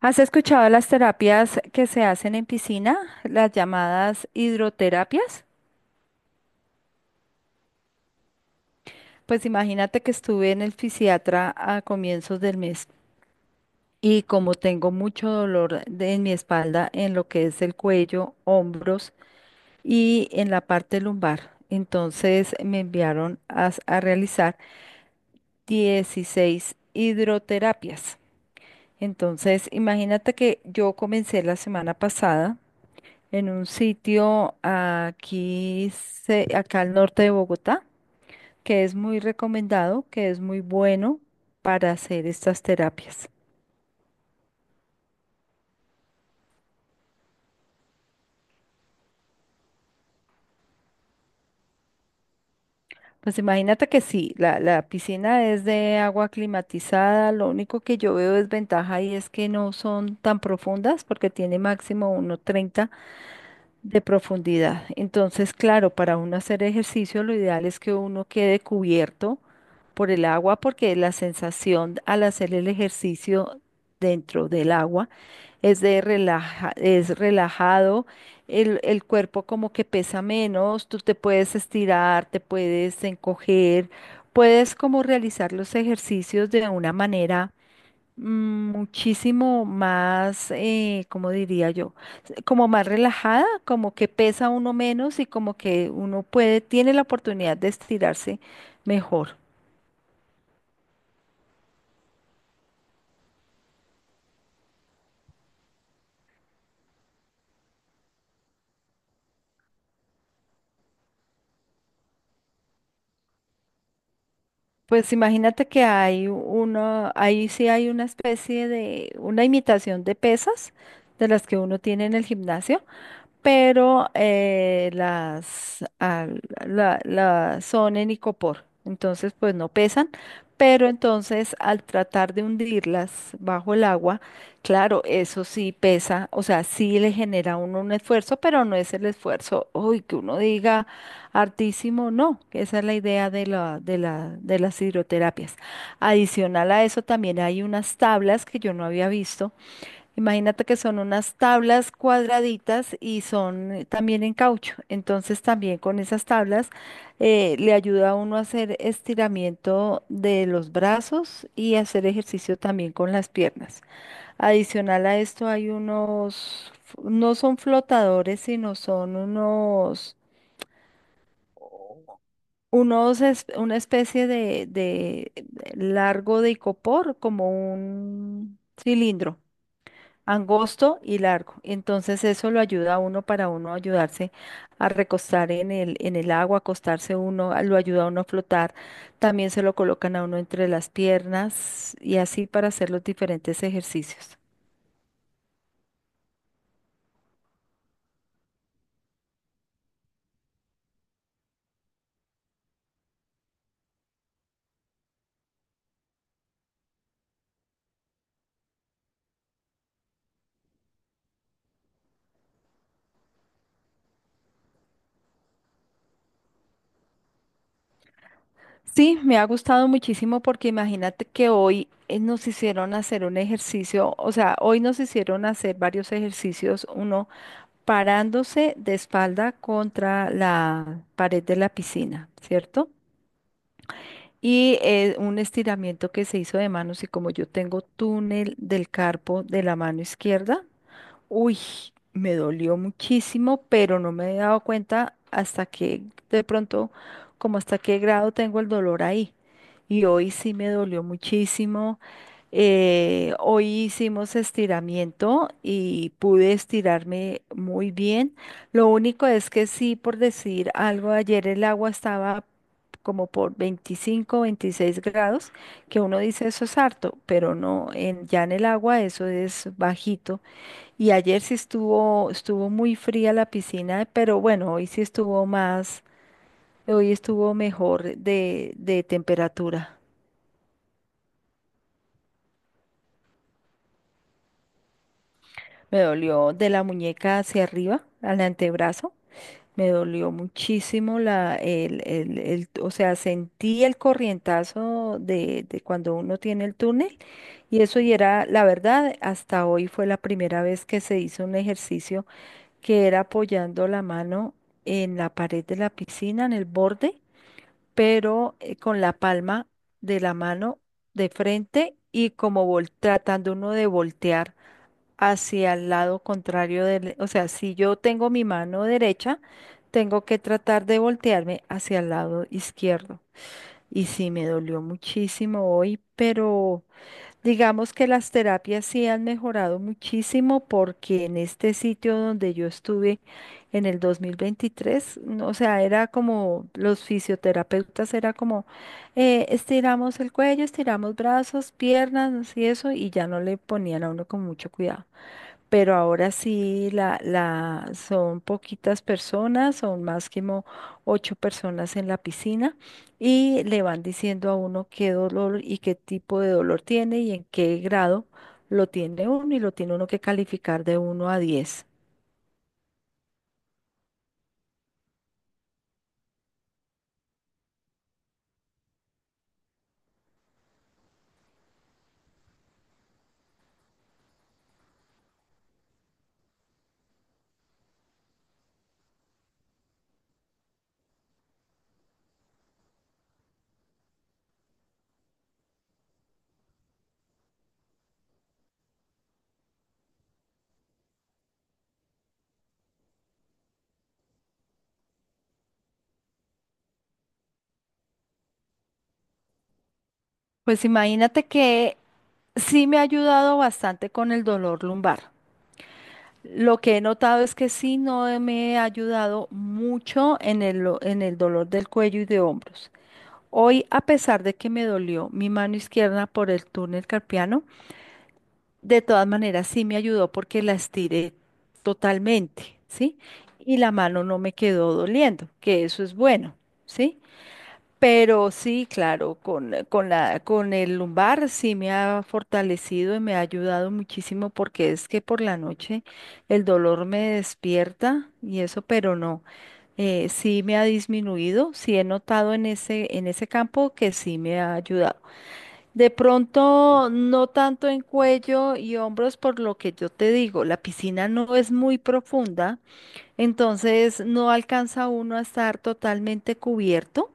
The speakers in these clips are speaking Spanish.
¿Has escuchado las terapias que se hacen en piscina, las llamadas hidroterapias? Pues imagínate que estuve en el fisiatra a comienzos del mes y como tengo mucho en mi espalda, en lo que es el cuello, hombros y en la parte lumbar, entonces me enviaron a realizar 16 hidroterapias. Entonces, imagínate que yo comencé la semana pasada en un sitio aquí, acá al norte de Bogotá, que es muy recomendado, que es muy bueno para hacer estas terapias. Pues imagínate que sí, la piscina es de agua climatizada. Lo único que yo veo desventaja ahí es que no son tan profundas porque tiene máximo 1,30 de profundidad. Entonces, claro, para uno hacer ejercicio, lo ideal es que uno quede cubierto por el agua, porque la sensación al hacer el ejercicio dentro del agua es de relaja, es relajado. El cuerpo como que pesa menos, tú te puedes estirar, te puedes encoger, puedes como realizar los ejercicios de una manera, muchísimo más, ¿cómo diría yo? Como más relajada, como que pesa uno menos y como que uno puede, tiene la oportunidad de estirarse mejor. Pues imagínate que hay una, ahí sí hay una especie de, una imitación de pesas de las que uno tiene en el gimnasio, pero las, al- la- son en icopor, entonces pues no pesan, pero entonces al tratar de hundirlas bajo el agua, claro, eso sí pesa. O sea, sí le genera a uno un esfuerzo, pero no es el esfuerzo, uy, que uno diga hartísimo, no, que esa es la idea de de las hidroterapias. Adicional a eso también hay unas tablas que yo no había visto. Imagínate que son unas tablas cuadraditas y son también en caucho. Entonces también con esas tablas le ayuda a uno a hacer estiramiento de los brazos y hacer ejercicio también con las piernas. Adicional a esto hay no son flotadores, sino son una especie de largo de icopor, como un cilindro angosto y largo. Entonces eso lo ayuda a uno para uno ayudarse a recostar en en el agua, acostarse uno, lo ayuda a uno a flotar. También se lo colocan a uno entre las piernas y así para hacer los diferentes ejercicios. Sí, me ha gustado muchísimo porque imagínate que hoy nos hicieron hacer un ejercicio. O sea, hoy nos hicieron hacer varios ejercicios, uno parándose de espalda contra la pared de la piscina, ¿cierto? Y un estiramiento que se hizo de manos, y como yo tengo túnel del carpo de la mano izquierda, uy, me dolió muchísimo, pero no me he dado cuenta hasta que, de pronto, como hasta qué grado tengo el dolor ahí. Y hoy sí me dolió muchísimo. Hoy hicimos estiramiento y pude estirarme muy bien. Lo único es que sí, por decir algo, ayer el agua estaba como por 25, 26 grados, que uno dice eso es harto, pero no, en, ya en el agua eso es bajito. Y ayer sí estuvo, estuvo muy fría la piscina, pero bueno, hoy sí estuvo más, hoy estuvo mejor de temperatura. Me dolió de la muñeca hacia arriba, al antebrazo. Me dolió muchísimo la, el- o sea, sentí el corrientazo de cuando uno tiene el túnel. Y eso y era, la verdad, hasta hoy fue la primera vez que se hizo un ejercicio que era apoyando la mano en la pared de la piscina, en el borde, pero con la palma de la mano de frente y como tratando uno de voltear hacia el lado contrario del, o sea, si yo tengo mi mano derecha, tengo que tratar de voltearme hacia el lado izquierdo. Y sí, me dolió muchísimo hoy, pero digamos que las terapias sí han mejorado muchísimo, porque en este sitio donde yo estuve en el 2023, no, o sea, era como los fisioterapeutas, era como estiramos el cuello, estiramos brazos, piernas y eso, y ya no le ponían a uno con mucho cuidado, pero ahora sí son poquitas personas, son más que 8 personas en la piscina, y le van diciendo a uno qué dolor y qué tipo de dolor tiene y en qué grado lo tiene uno, y lo tiene uno que calificar de 1 a 10. Pues imagínate que sí me ha ayudado bastante con el dolor lumbar. Lo que he notado es que sí no me ha ayudado mucho en en el dolor del cuello y de hombros. Hoy, a pesar de que me dolió mi mano izquierda por el túnel carpiano, de todas maneras sí me ayudó porque la estiré totalmente, ¿sí? Y la mano no me quedó doliendo, que eso es bueno, ¿sí? Pero sí, claro, con, con el lumbar sí me ha fortalecido y me ha ayudado muchísimo, porque es que por la noche el dolor me despierta y eso, pero no, sí me ha disminuido, sí he notado en ese campo que sí me ha ayudado. De pronto, no tanto en cuello y hombros, por lo que yo te digo, la piscina no es muy profunda, entonces no alcanza uno a estar totalmente cubierto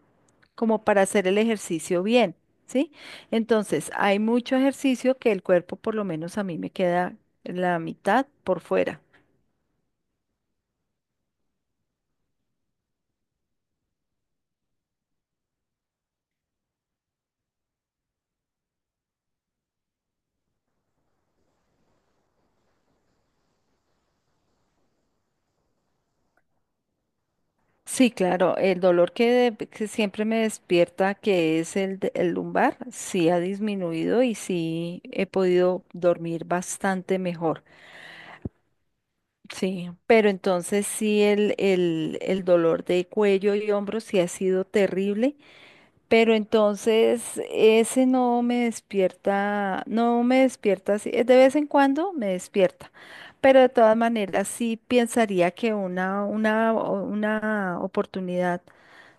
como para hacer el ejercicio bien, ¿sí? Entonces, hay mucho ejercicio que el cuerpo, por lo menos a mí, me queda la mitad por fuera. Sí, claro, el dolor que siempre me despierta, que es el lumbar, sí ha disminuido y sí he podido dormir bastante mejor. Sí, pero entonces sí el dolor de cuello y hombros sí ha sido terrible, pero entonces ese no me despierta, no me despierta así, de vez en cuando me despierta. Pero de todas maneras sí pensaría que una oportunidad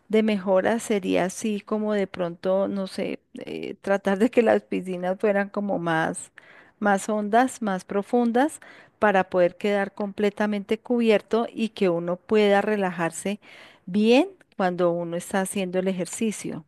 de mejora sería así como de pronto, no sé, tratar de que las piscinas fueran como más, más hondas, más profundas, para poder quedar completamente cubierto y que uno pueda relajarse bien cuando uno está haciendo el ejercicio.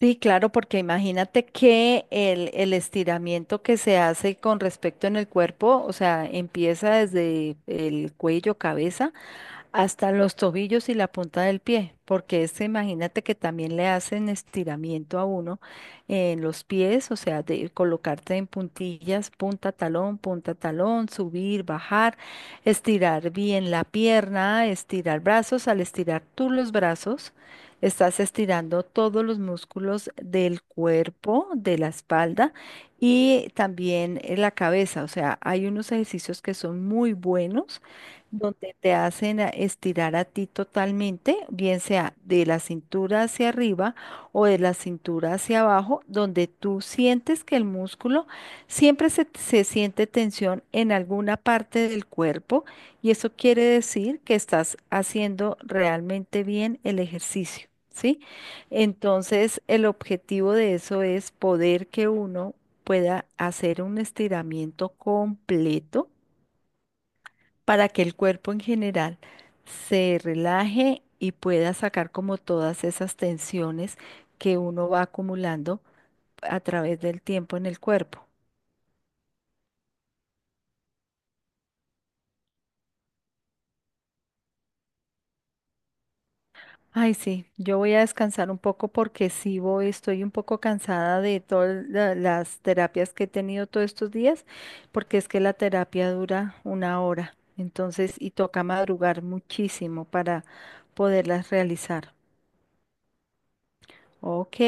Sí, claro, porque imagínate que el estiramiento que se hace con respecto en el cuerpo, o sea, empieza desde el cuello, cabeza, hasta los tobillos y la punta del pie, porque este, imagínate que también le hacen estiramiento a uno en los pies, o sea, de colocarte en puntillas, punta talón, subir, bajar, estirar bien la pierna, estirar brazos. Al estirar tú los brazos, estás estirando todos los músculos del cuerpo, de la espalda, y también la cabeza. O sea, hay unos ejercicios que son muy buenos, donde te hacen estirar a ti totalmente, bien sea de la cintura hacia arriba o de la cintura hacia abajo, donde tú sientes que el músculo siempre se siente tensión en alguna parte del cuerpo, y eso quiere decir que estás haciendo realmente bien el ejercicio, ¿sí? Entonces, el objetivo de eso es poder que uno pueda hacer un estiramiento completo para que el cuerpo en general se relaje y pueda sacar como todas esas tensiones que uno va acumulando a través del tiempo en el cuerpo. Ay, sí, yo voy a descansar un poco porque sí voy, estoy un poco cansada de todas las terapias que he tenido todos estos días, porque es que la terapia dura una hora, entonces, y toca madrugar muchísimo para poderlas realizar. Ok.